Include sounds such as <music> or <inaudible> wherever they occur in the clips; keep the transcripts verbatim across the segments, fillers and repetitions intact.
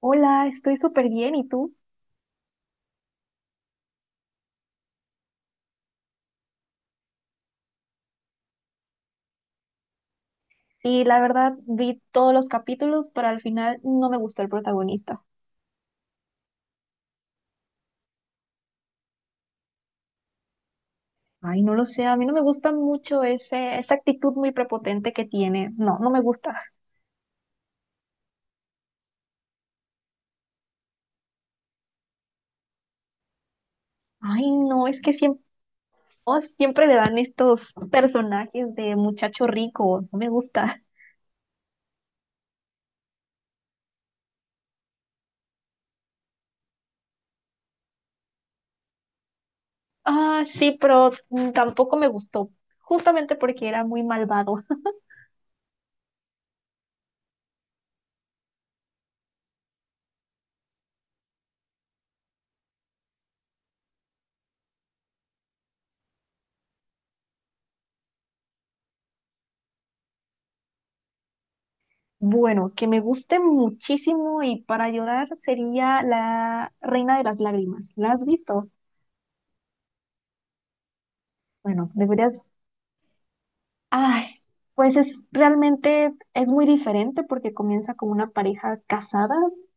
Hola, estoy súper bien, ¿y tú? Sí, la verdad vi todos los capítulos, pero al final no me gustó el protagonista. Ay, no lo sé, a mí no me gusta mucho ese, esa actitud muy prepotente que tiene. No, no me gusta. Ay, no, es que siempre, siempre le dan estos personajes de muchacho rico, no me gusta. Ah, sí, pero mm, tampoco me gustó, justamente porque era muy malvado. <laughs> Bueno, que me guste muchísimo y para llorar sería La Reina de las Lágrimas. ¿La has visto? Bueno, deberías. Ay, pues es realmente es muy diferente porque comienza con una pareja casada.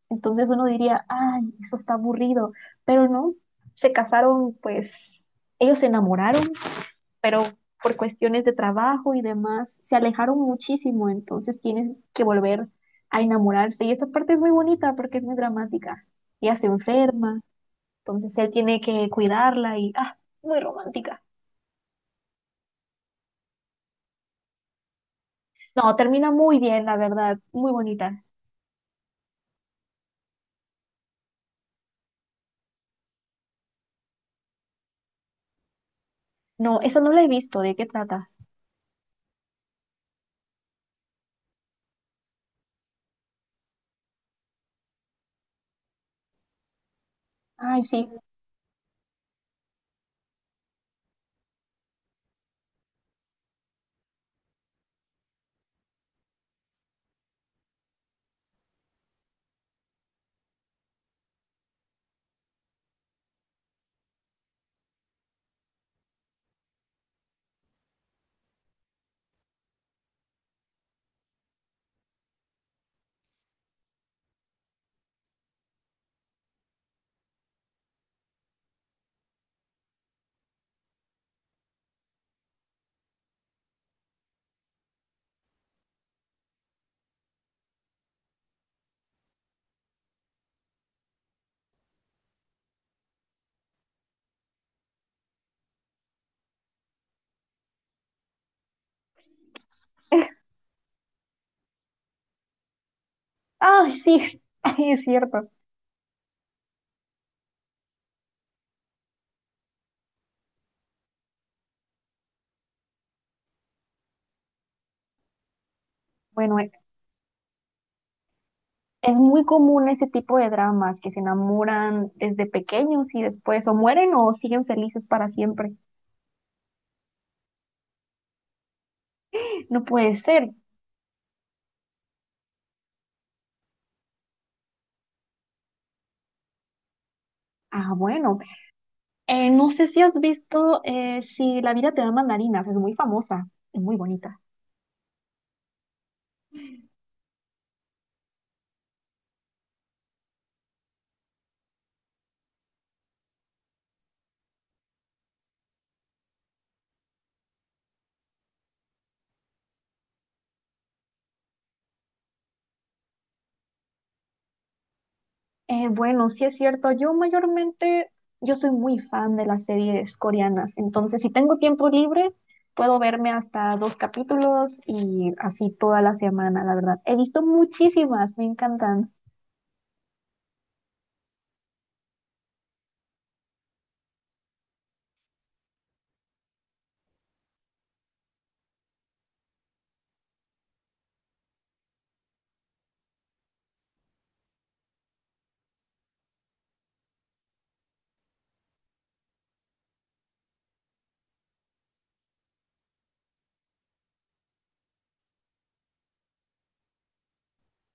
Entonces uno diría, ay, eso está aburrido. Pero no, se casaron, pues ellos se enamoraron, pero por cuestiones de trabajo y demás se alejaron muchísimo. Entonces tienen que volver a enamorarse. Y esa parte es muy bonita porque es muy dramática. Ella se enferma, entonces él tiene que cuidarla y, ah, muy romántica. No, termina muy bien, la verdad, muy bonita. No, esa no la he visto, ¿de qué trata? Ay, sí. Ay, sí, <laughs> ay, es cierto. Bueno, e- es muy común ese tipo de dramas que se enamoran desde pequeños y después o mueren o siguen felices para siempre. No puede ser. Ah, bueno. Eh, no sé si has visto eh, Si la vida te da mandarinas, es muy famosa, es muy bonita. Eh, bueno, sí es cierto. Yo mayormente, yo soy muy fan de las series coreanas. Entonces, si tengo tiempo libre, puedo verme hasta dos capítulos y así toda la semana, la verdad. He visto muchísimas, me encantan.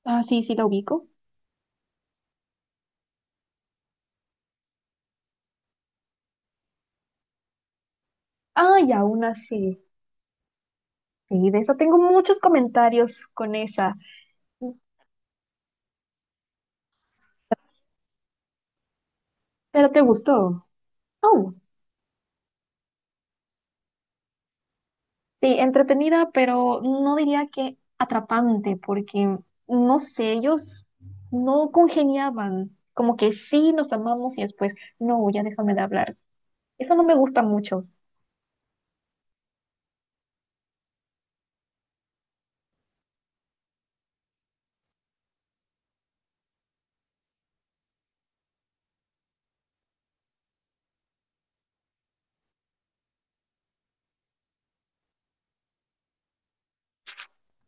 Ah, sí, sí la ubico. Ah, y aún así. Sí, de eso tengo muchos comentarios con esa. Pero te gustó. Oh. Sí, entretenida, pero no diría que atrapante, porque no sé, ellos no congeniaban, como que sí nos amamos y después, no, ya déjame de hablar. Eso no me gusta mucho.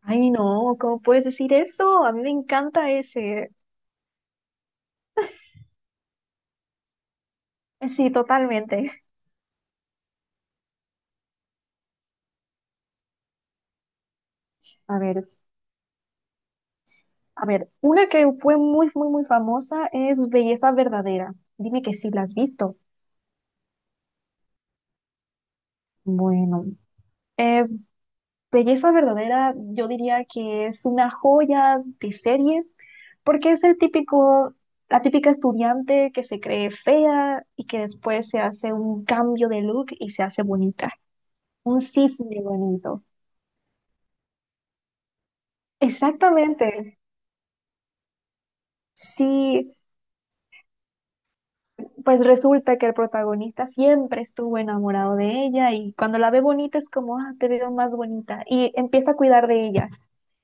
Ay, no, ¿cómo puedes decir eso? A mí me encanta ese. Sí, totalmente. A ver, a ver, una que fue muy, muy, muy famosa es Belleza Verdadera. Dime que sí la has visto. Bueno, eh, Belleza Verdadera, yo diría que es una joya de serie. Porque es el típico, la típica estudiante que se cree fea y que después se hace un cambio de look y se hace bonita. Un cisne bonito. Exactamente. Sí, pues resulta que el protagonista siempre estuvo enamorado de ella y cuando la ve bonita es como, ah, te veo más bonita. Y empieza a cuidar de ella.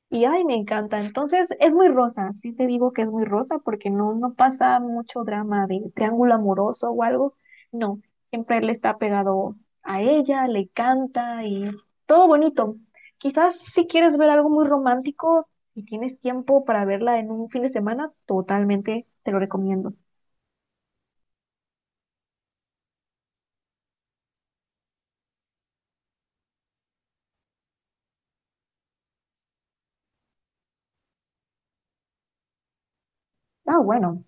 Y ay, me encanta. Entonces, es muy rosa, sí te digo que es muy rosa porque no, no pasa mucho drama de triángulo amoroso o algo. No, siempre él está pegado a ella, le canta y todo bonito. Quizás si quieres ver algo muy romántico y tienes tiempo para verla en un fin de semana, totalmente te lo recomiendo. Ah, bueno,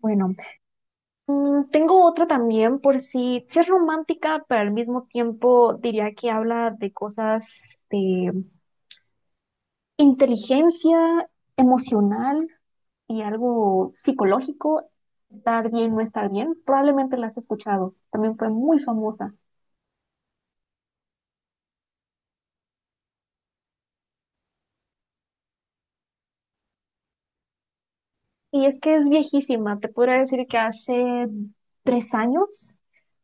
bueno. Mm, tengo otra también por si, si es romántica, pero al mismo tiempo diría que habla de cosas de inteligencia emocional y algo psicológico, estar bien, no estar bien, probablemente la has escuchado, también fue muy famosa. Y es que es viejísima, te podría decir que hace tres años,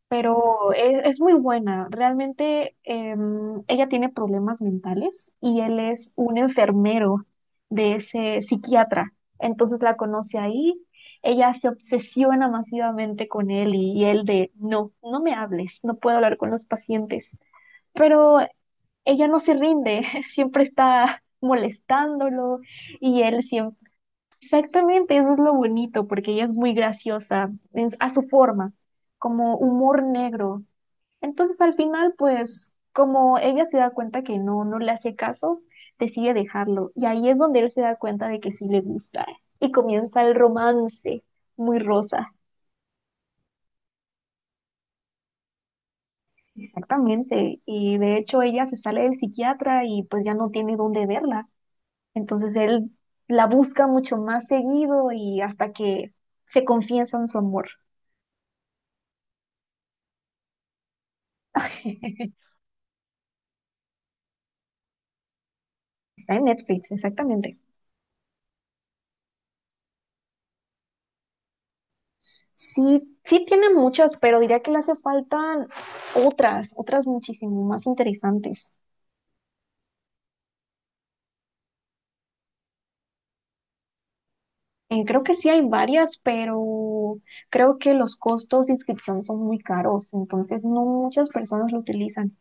pero es, es muy buena. Realmente em, ella tiene problemas mentales y él es un enfermero de ese psiquiatra. Entonces la conoce ahí. Ella se obsesiona masivamente con él y, y él de, no, no me hables, no puedo hablar con los pacientes. Pero ella no se rinde, <laughs> siempre está molestándolo y él siempre... Exactamente, eso es lo bonito, porque ella es muy graciosa en- a su forma, como humor negro. Entonces al final, pues como ella se da cuenta que no, no le hace caso, decide dejarlo. Y ahí es donde él se da cuenta de que sí le gusta. Y comienza el romance, muy rosa. Exactamente. Y de hecho ella se sale del psiquiatra y pues ya no tiene dónde verla. Entonces él la busca mucho más seguido y hasta que se confiesan su amor. <laughs> Está en Netflix, exactamente. Sí, sí tiene muchas, pero diría que le hace falta otras, otras muchísimo más interesantes. Eh, creo que sí hay varias, pero creo que los costos de inscripción son muy caros, entonces no muchas personas lo utilizan.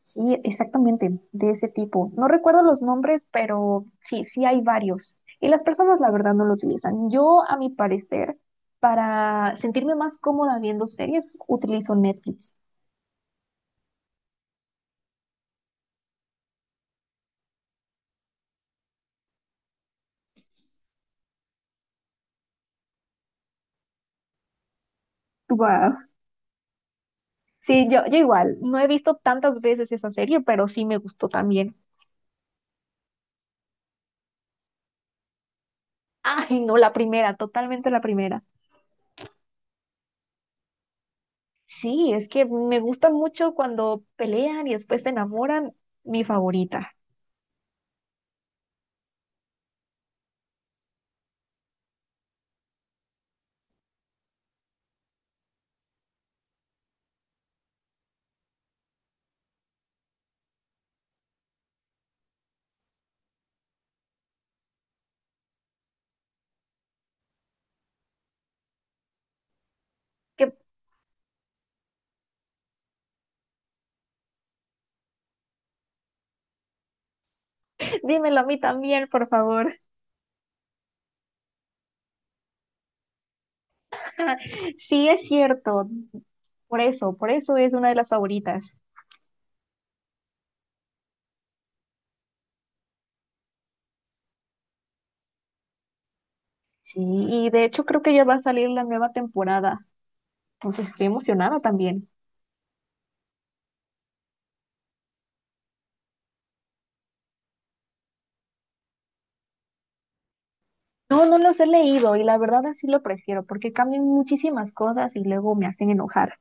Sí, exactamente, de ese tipo. No recuerdo los nombres, pero sí, sí hay varios. Y las personas, la verdad, no lo utilizan. Yo, a mi parecer, para sentirme más cómoda viendo series, utilizo Netflix. Wow. Sí, yo, yo igual, no he visto tantas veces esa serie, pero sí me gustó también. Ay, no, la primera, totalmente la primera. Sí, es que me gusta mucho cuando pelean y después se enamoran, mi favorita. Que, <laughs> dímelo a mí también, por favor. <laughs> Sí, es cierto, por eso, por eso es una de las favoritas. Sí, y de hecho creo que ya va a salir la nueva temporada, entonces estoy emocionada también. No, no los he leído y la verdad así lo prefiero porque cambian muchísimas cosas y luego me hacen enojar.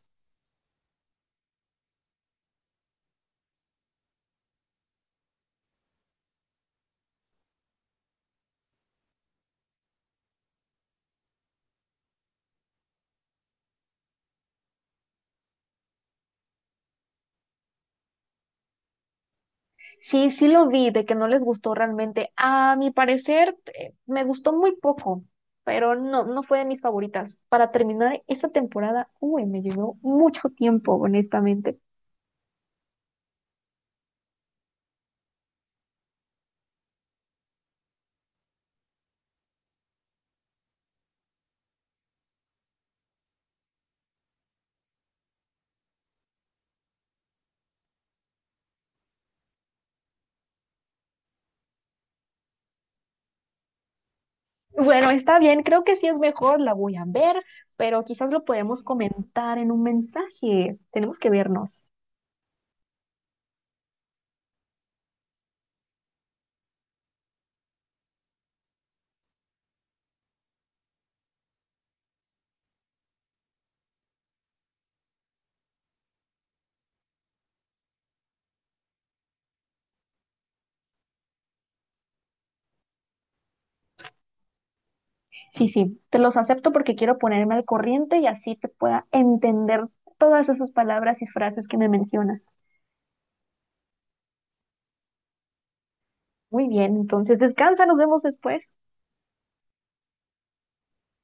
Sí, sí lo vi, de que no les gustó realmente. A mi parecer, eh, me gustó muy poco, pero no, no fue de mis favoritas. Para terminar esta temporada, uy, me llevó mucho tiempo, honestamente. Bueno, está bien, creo que sí es mejor, la voy a ver, pero quizás lo podemos comentar en un mensaje. Tenemos que vernos. Sí, sí, te los acepto porque quiero ponerme al corriente y así te pueda entender todas esas palabras y frases que me mencionas. Muy bien, entonces descansa, nos vemos después.